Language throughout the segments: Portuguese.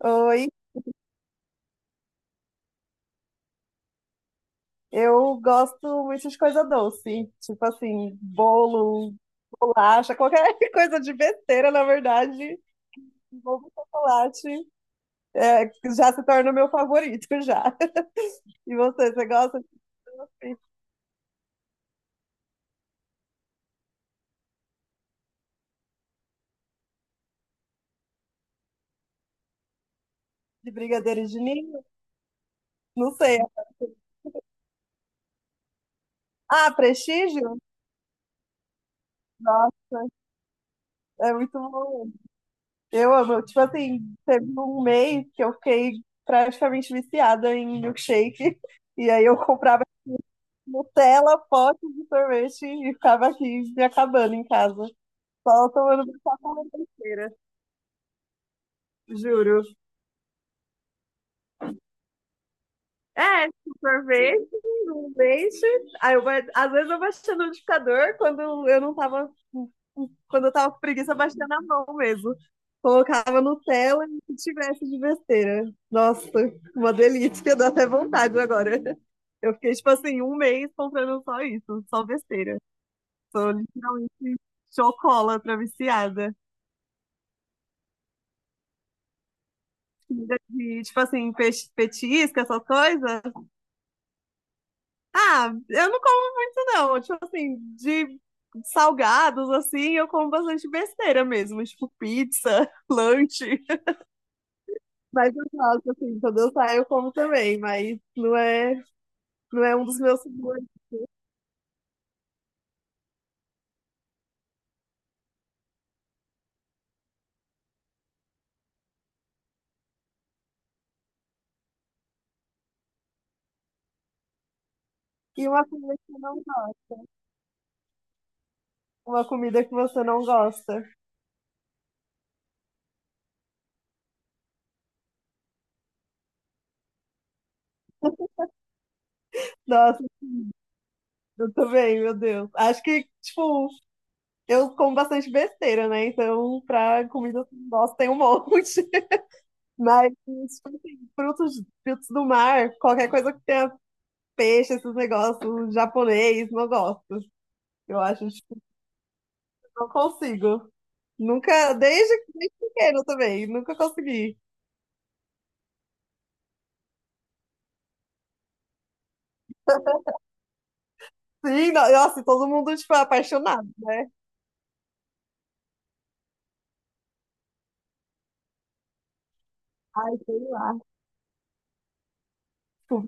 Oi, eu gosto muito de coisa doce, tipo assim, bolo, bolacha, qualquer coisa de besteira, na verdade, bolo de chocolate, é, já se torna o meu favorito já. E você gosta de doce, de brigadeiro de ninho? Não sei. Ah, Prestígio? Nossa, é muito bom. Eu amo, tipo assim, teve um mês que eu fiquei praticamente viciada em milkshake, e aí eu comprava Nutella, pote de sorvete e ficava aqui me acabando em casa. Só tomando pipoca na besteira, juro. É, sorvete, um leite. Às vezes eu baixei no liquidificador quando eu não tava. Quando eu tava com preguiça, eu baixei na mão mesmo. Colocava Nutella e o tivesse de besteira. Nossa, uma delícia, dá até vontade agora. Eu fiquei, tipo assim, um mês comprando só isso, só besteira. Sou literalmente chocólatra viciada. Comida de, tipo assim, peixe, petisco, essas coisas. Ah, eu não como, não. Tipo assim, de salgados, assim, eu como bastante besteira mesmo. Tipo, pizza, lanche. Mas eu gosto, assim, quando eu saio, eu como também. Não é um dos meus sabores. E uma comida que eu não gosto. Uma comida que você não gosta. Nossa, eu também, meu Deus. Acho que, tipo, eu como bastante besteira, né? Então, pra comida nossa tem um monte. Mas, tipo assim, frutos do mar, qualquer coisa que tenha peixe, esses negócios japonês, não gosto. Eu acho, tipo, não consigo. Nunca, desde pequeno também, nunca consegui. Sim, Nossa, e todo mundo, tipo, é apaixonado, né? Ai, sei lá. Tipo,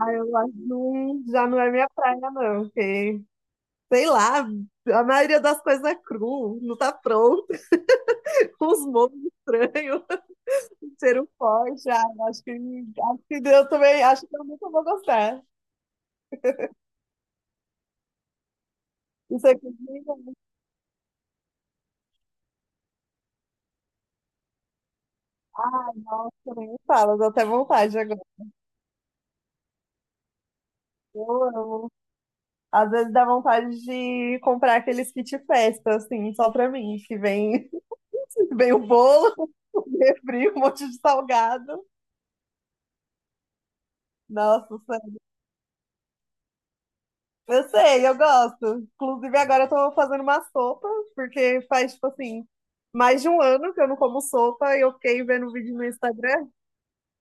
ai, eu acho que não, já não é minha praia, não. Porque, sei lá, a maioria das coisas é cru, não tá pronto. Os monstros estranhos, ser um forte. Ah, acho que eu também, acho que eu nunca vou gostar. Isso aqui, ai, nossa, nem fala, dá até vontade agora. Eu amo. Às vezes dá vontade de comprar aqueles kit festa, assim, só pra mim, que vem, vem o bolo, o refri, um monte de salgado. Nossa, eu sei, eu gosto. Inclusive, agora eu tô fazendo uma sopa, porque faz, tipo assim, mais de um ano que eu não como sopa e eu fiquei vendo vídeo no Instagram.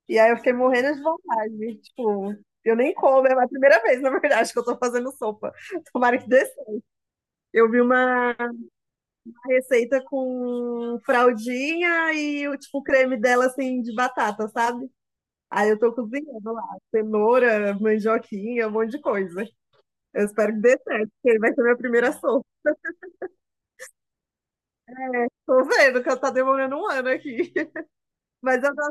E aí eu fiquei morrendo de vontade. Tipo, eu nem como, é a primeira vez, na verdade, que eu tô fazendo sopa. Tomara que dê certo. Eu vi uma receita com fraldinha e o tipo, o creme dela, assim, de batata, sabe? Aí eu tô cozinhando lá, cenoura, mandioquinha, um monte de coisa. Eu espero que dê certo, porque vai ser minha primeira sopa. Tô vendo que eu tá demorando um ano aqui. Mas eu, tô-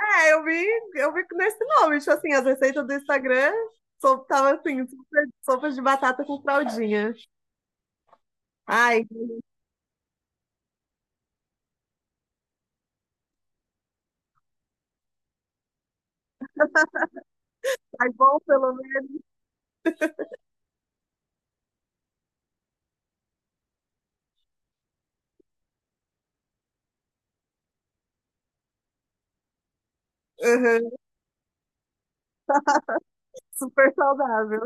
é, eu vi, eu vi nesse nome, tipo assim, as receitas do Instagram so, tava assim, sopa, sopa de batata com fraldinha. Ai, ai bom pelo menos. Uhum, super saudável.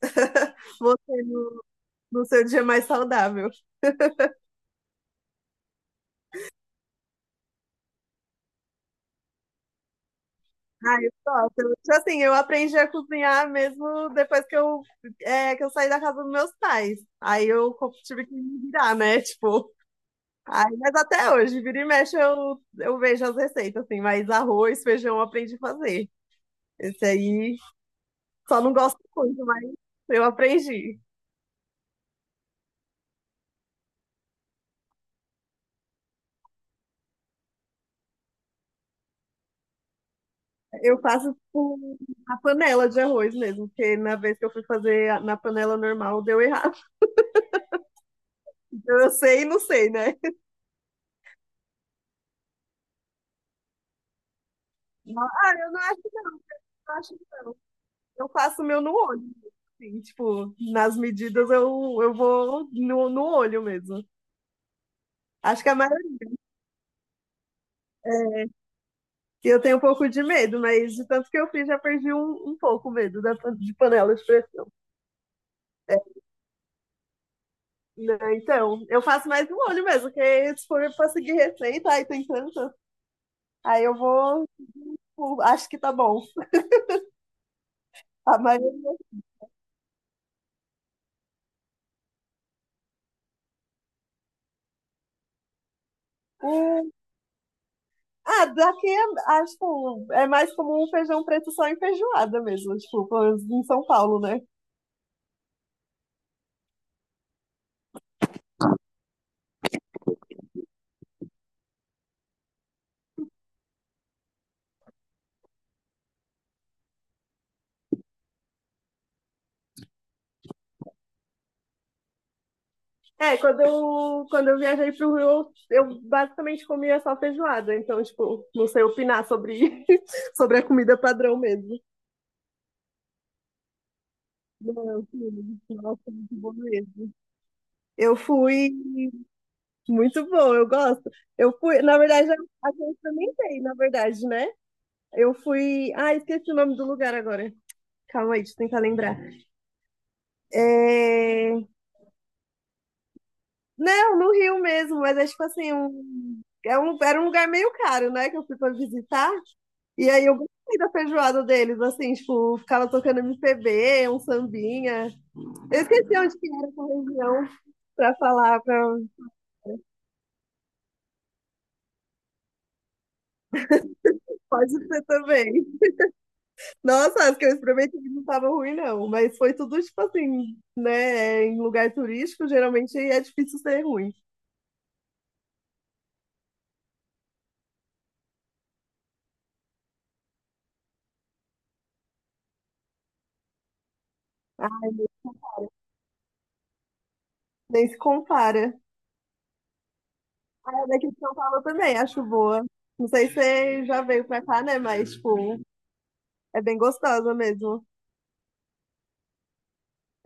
Você no, no seu dia mais saudável. Ai, eu gosto. Tipo assim, eu aprendi a cozinhar mesmo depois que que eu saí da casa dos meus pais. Tive que me virar, né? Tipo, ai, mas até hoje, vira e mexe, eu vejo as receitas, assim, mas arroz, feijão eu aprendi a fazer. Esse aí só não gosto muito, mas eu aprendi. Eu faço com a panela de arroz mesmo, porque na vez que eu fui fazer a- na panela normal deu errado. Então, eu sei e não sei, né? Eu não acho que não. Eu faço o meu no olho, assim, tipo, nas medidas eu vou no olho mesmo. Acho que a maioria que eu tenho um pouco de medo, mas de tanto que eu fiz, já perdi um pouco o medo de panela de pressão. Né? Então, eu faço mais um olho mesmo, porque se for pra seguir receita, aí tem tanto, aí eu vou. Tipo, acho que tá bom. A maioria. Hum, Ah, daqui é, ah, tipo, é mais comum o feijão preto só em feijoada mesmo, tipo, pelo menos em São Paulo, né? É, quando eu viajei pro Rio, eu basicamente comia só feijoada, então, tipo, não sei opinar sobre, sobre a comida padrão mesmo. Não, sim, nossa, muito bom mesmo. Eu fui muito bom, eu gosto. Eu fui, na verdade, a gente também experimentei, na verdade, né? Eu fui. Ah, esqueci o nome do lugar agora. Calma aí, deixa eu tentar lembrar. É... Não, no Rio mesmo, mas é tipo assim, um... É um... era um lugar meio caro, né? Que eu fui pra visitar. E aí eu gostei da feijoada deles, assim, tipo, ficava tocando MPB, um sambinha. Eu esqueci onde que era essa região pra falar, pra pode ser também. Nossa, as que eu experimentei não estavam ruim, não. Mas foi tudo, tipo assim, né? Em lugar turístico, geralmente é difícil ser ruim. Ah, nem se compara. A daqui de São Paulo também, acho boa. Não sei se você já veio pra cá, né? Mas, tipo, é bem gostosa mesmo.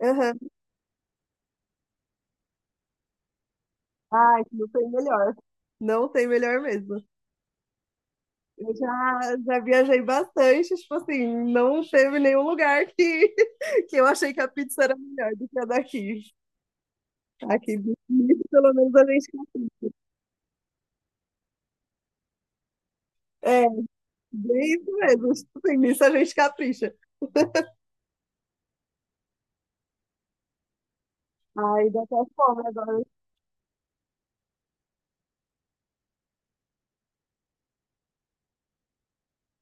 Aham. Ai, não tem melhor. Não tem melhor mesmo. Já viajei bastante, tipo assim, não teve nenhum lugar que, que eu achei que a pizza era melhor do que a daqui. Aqui, nisso, pelo menos a gente capricha. É, bem isso mesmo. Assim, nisso a gente capricha. Ai, dá até fome agora.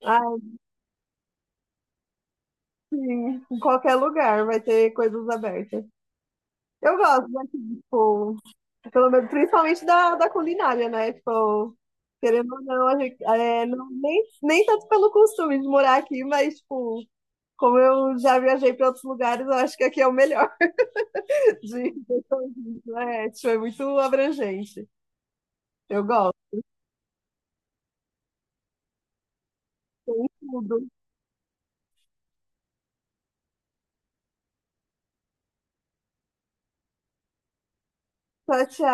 Ai, sim, em qualquer lugar vai ter coisas abertas. Eu gosto daqui, tipo, pelo menos, principalmente da culinária, né? Tipo, querendo ou não, a gente, é, não- nem, nem tanto pelo costume de morar aqui, mas, tipo, como eu já viajei para outros lugares, eu acho que aqui é o melhor de tudo, né? Tipo, é muito abrangente. Eu gosto. Tem tudo. Tchau, tchau.